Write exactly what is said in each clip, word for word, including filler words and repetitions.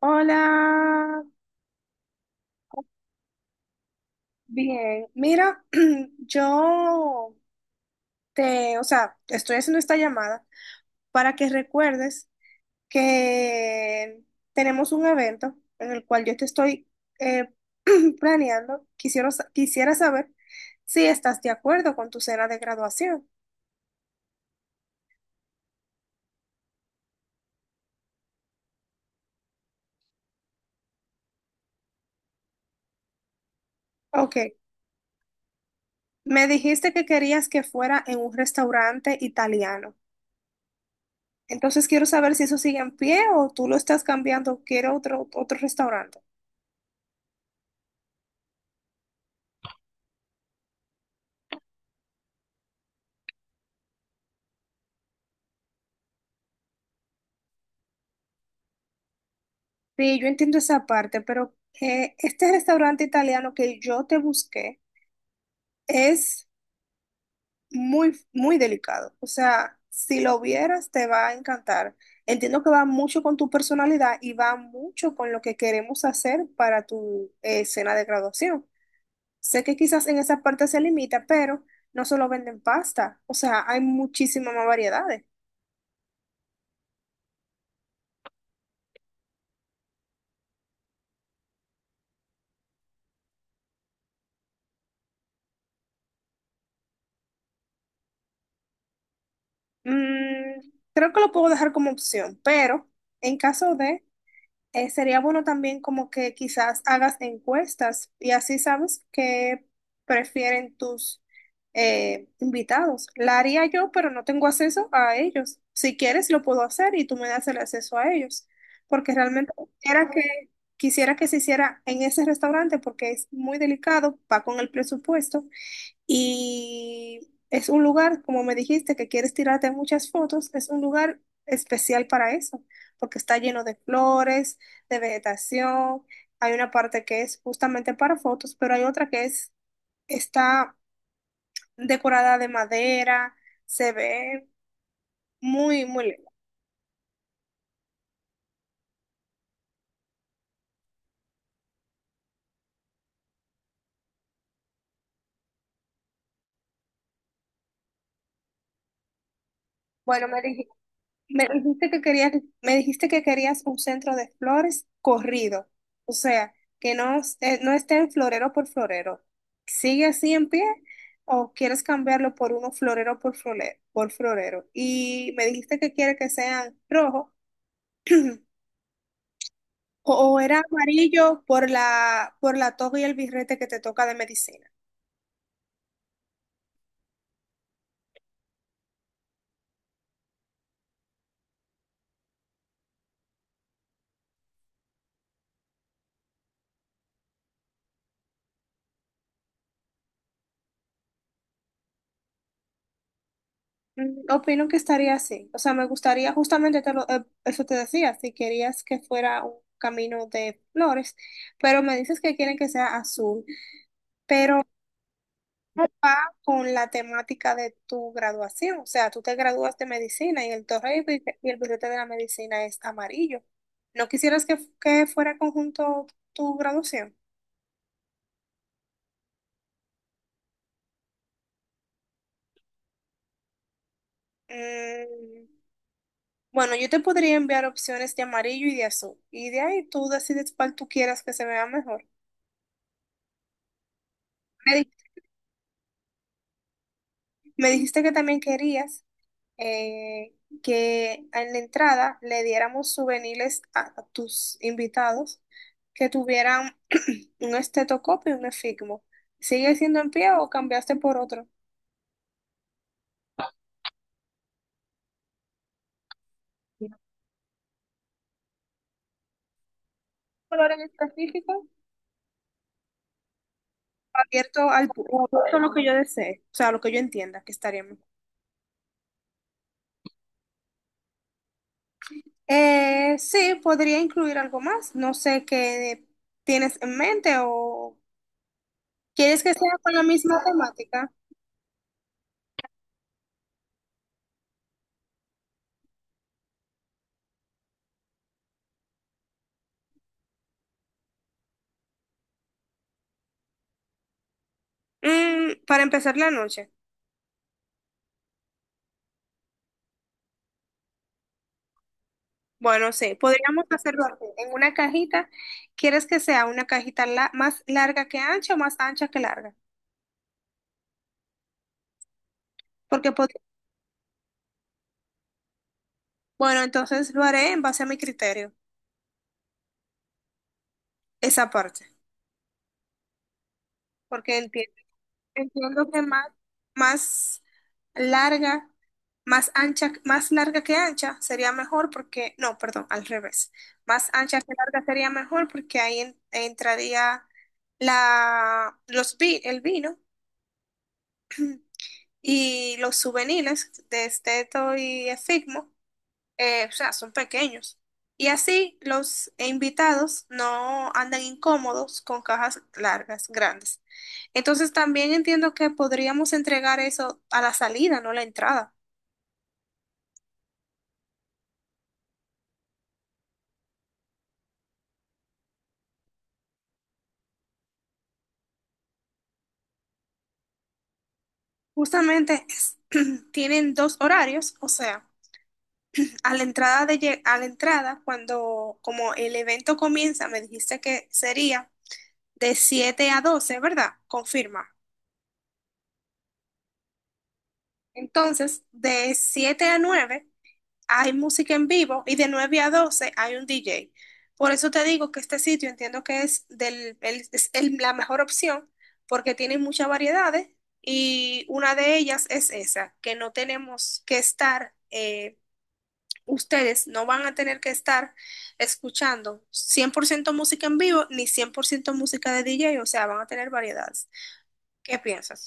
Hola, bien. Mira, yo te, o sea, te estoy haciendo esta llamada para que recuerdes que tenemos un evento en el cual yo te estoy eh, planeando. Quisiera, sa- quisiera saber si estás de acuerdo con tu cena de graduación. Ok, me dijiste que querías que fuera en un restaurante italiano. Entonces quiero saber si eso sigue en pie o tú lo estás cambiando, quiero otro, otro restaurante. Sí, yo entiendo esa parte, pero eh, este restaurante italiano que yo te busqué es muy, muy delicado. O sea, si lo vieras, te va a encantar. Entiendo que va mucho con tu personalidad y va mucho con lo que queremos hacer para tu eh, cena de graduación. Sé que quizás en esa parte se limita, pero no solo venden pasta. O sea, hay muchísimas más variedades. Mm, creo que lo puedo dejar como opción, pero en caso de... Eh, sería bueno también como que quizás hagas encuestas y así sabes qué prefieren tus eh, invitados. La haría yo, pero no tengo acceso a ellos. Si quieres, lo puedo hacer y tú me das el acceso a ellos, porque realmente quisiera que, quisiera que se hiciera en ese restaurante porque es muy delicado, va con el presupuesto y es un lugar, como me dijiste, que quieres tirarte muchas fotos, es un lugar especial para eso, porque está lleno de flores, de vegetación. Hay una parte que es justamente para fotos, pero hay otra que es, está decorada de madera, se ve muy, muy lindo. Bueno, me dijiste Me dijiste que querías, me dijiste que querías un centro de flores corrido, o sea, que no, es- eh, no esté en florero por florero. ¿Sigue así en pie o quieres cambiarlo por uno florero por florero, por florero? Y me dijiste que quiere que sean rojo o, o era amarillo por la, por la toga y el birrete que te toca de medicina. Mm, opino que estaría así. O sea, me gustaría, justamente te lo- eh, eso te decía, si querías que fuera un camino de flores, pero me dices que quieren que sea azul. Va con la temática de tu graduación. O sea, tú te gradúas de medicina y el torre y bille- y el billete de la medicina es amarillo. ¿No quisieras que, que fuera conjunto tu graduación? Mm, bueno, yo te podría enviar opciones de amarillo y de azul. Y de ahí tú decides cuál tú quieras que se vea mejor. Me, di- me dijiste que también querías eh, que en la entrada le diéramos souvenirs a, a tus invitados que tuvieran un estetoscopio y un efigmo. ¿Sigue siendo en pie o cambiaste por otro? ¿Un color en específico? Abierto al pu- o abierto a lo que yo desee, o sea, a lo que yo entienda que estaría bien. Eh, sí, podría incluir algo más. No sé qué tienes en mente o quieres que sea con la misma temática. Mm, para empezar la noche. Bueno, sí, podríamos hacerlo así, en una cajita. ¿Quieres que sea una cajita la- más larga que ancha o más ancha que larga? Porque pod- bueno, entonces lo haré en base a mi criterio, esa parte, porque entiendo, entiendo que más, más larga, más ancha, más larga que ancha sería mejor porque, no, perdón, al revés. Más ancha que larga sería mejor porque ahí en- entraría la, los vi, el vino. Y los souvenirs de Esteto y Efigmo, eh, o sea, son pequeños. Y así los invitados no andan incómodos con cajas largas, grandes. Entonces también entiendo que podríamos entregar eso a la salida, no a la entrada. Justamente es- tienen dos horarios, o sea, a la entrada de lle- a la entrada, cuando como el evento comienza, me dijiste que sería de siete a doce, ¿verdad? Confirma. Entonces, de siete a nueve hay música en vivo y de nueve a doce hay un D J. Por eso te digo que este sitio entiendo que es, del, el- es el- la mejor opción porque tiene muchas variedades y una de ellas es esa, que no tenemos que estar, eh, ustedes no van a tener que estar escuchando cien por ciento música en vivo ni cien por ciento música de D J, o sea, van a tener variedades. ¿Qué piensas?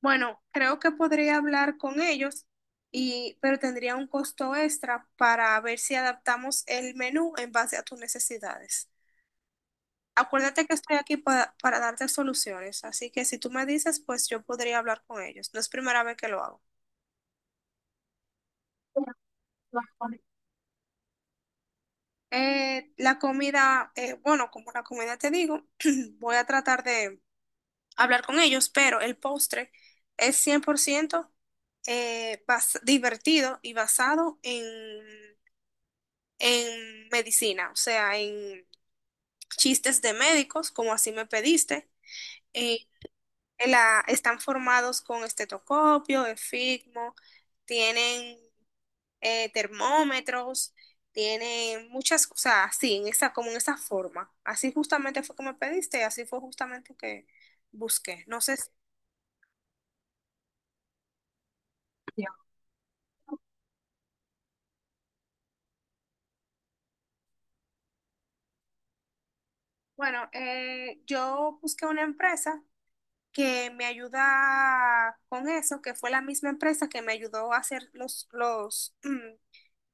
Bueno, creo que podría hablar con ellos y, pero tendría un costo extra para ver si adaptamos el menú en base a tus necesidades. Acuérdate que estoy aquí pa- para darte soluciones, así que si tú me dices, pues yo podría hablar con ellos. No es primera vez que lo hago. Eh, la comida, eh, bueno, como la comida te digo, voy a tratar de hablar con ellos, pero el postre es cien por ciento eh, bas- divertido y basado en en medicina, o sea, en chistes de médicos, como así me pediste. Eh, en la- Están formados con estetoscopio, efigmo, tienen eh, termómetros, tienen muchas cosas así, en esa, como en esa forma. Así justamente fue que me pediste y así fue justamente que busqué. No sé si- bueno, eh, yo busqué una empresa que me ayuda con eso, que fue la misma empresa que me ayudó a hacer los, los, mm,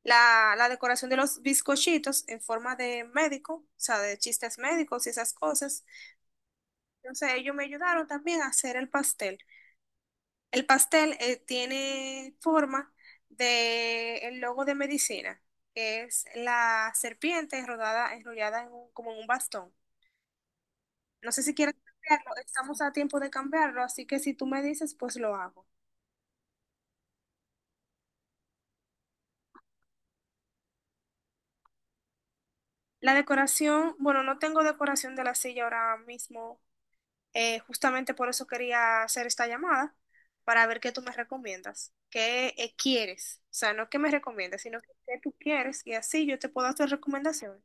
la, la decoración de los bizcochitos en forma de médico, o sea, de chistes médicos y esas cosas. Entonces ellos me ayudaron también a hacer el pastel. El pastel eh, tiene forma de el logo de medicina, que es la serpiente rodada, enrollada en un- como en un bastón. No sé si quieres cambiarlo, estamos a tiempo de cambiarlo, así que si tú me dices, pues lo hago. La decoración, bueno, no tengo decoración de la silla ahora mismo, eh, justamente por eso quería hacer esta llamada, para ver qué tú me recomiendas, qué eh, quieres, o sea, no qué me recomiendas, sino qué tú quieres y así yo te puedo hacer recomendaciones.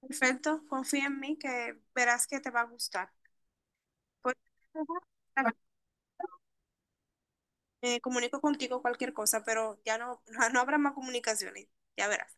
Perfecto, confía en mí que verás que te va a gustar. Pues, ujú, me comunico contigo cualquier cosa, pero ya no, no habrá más comunicaciones, ya verás.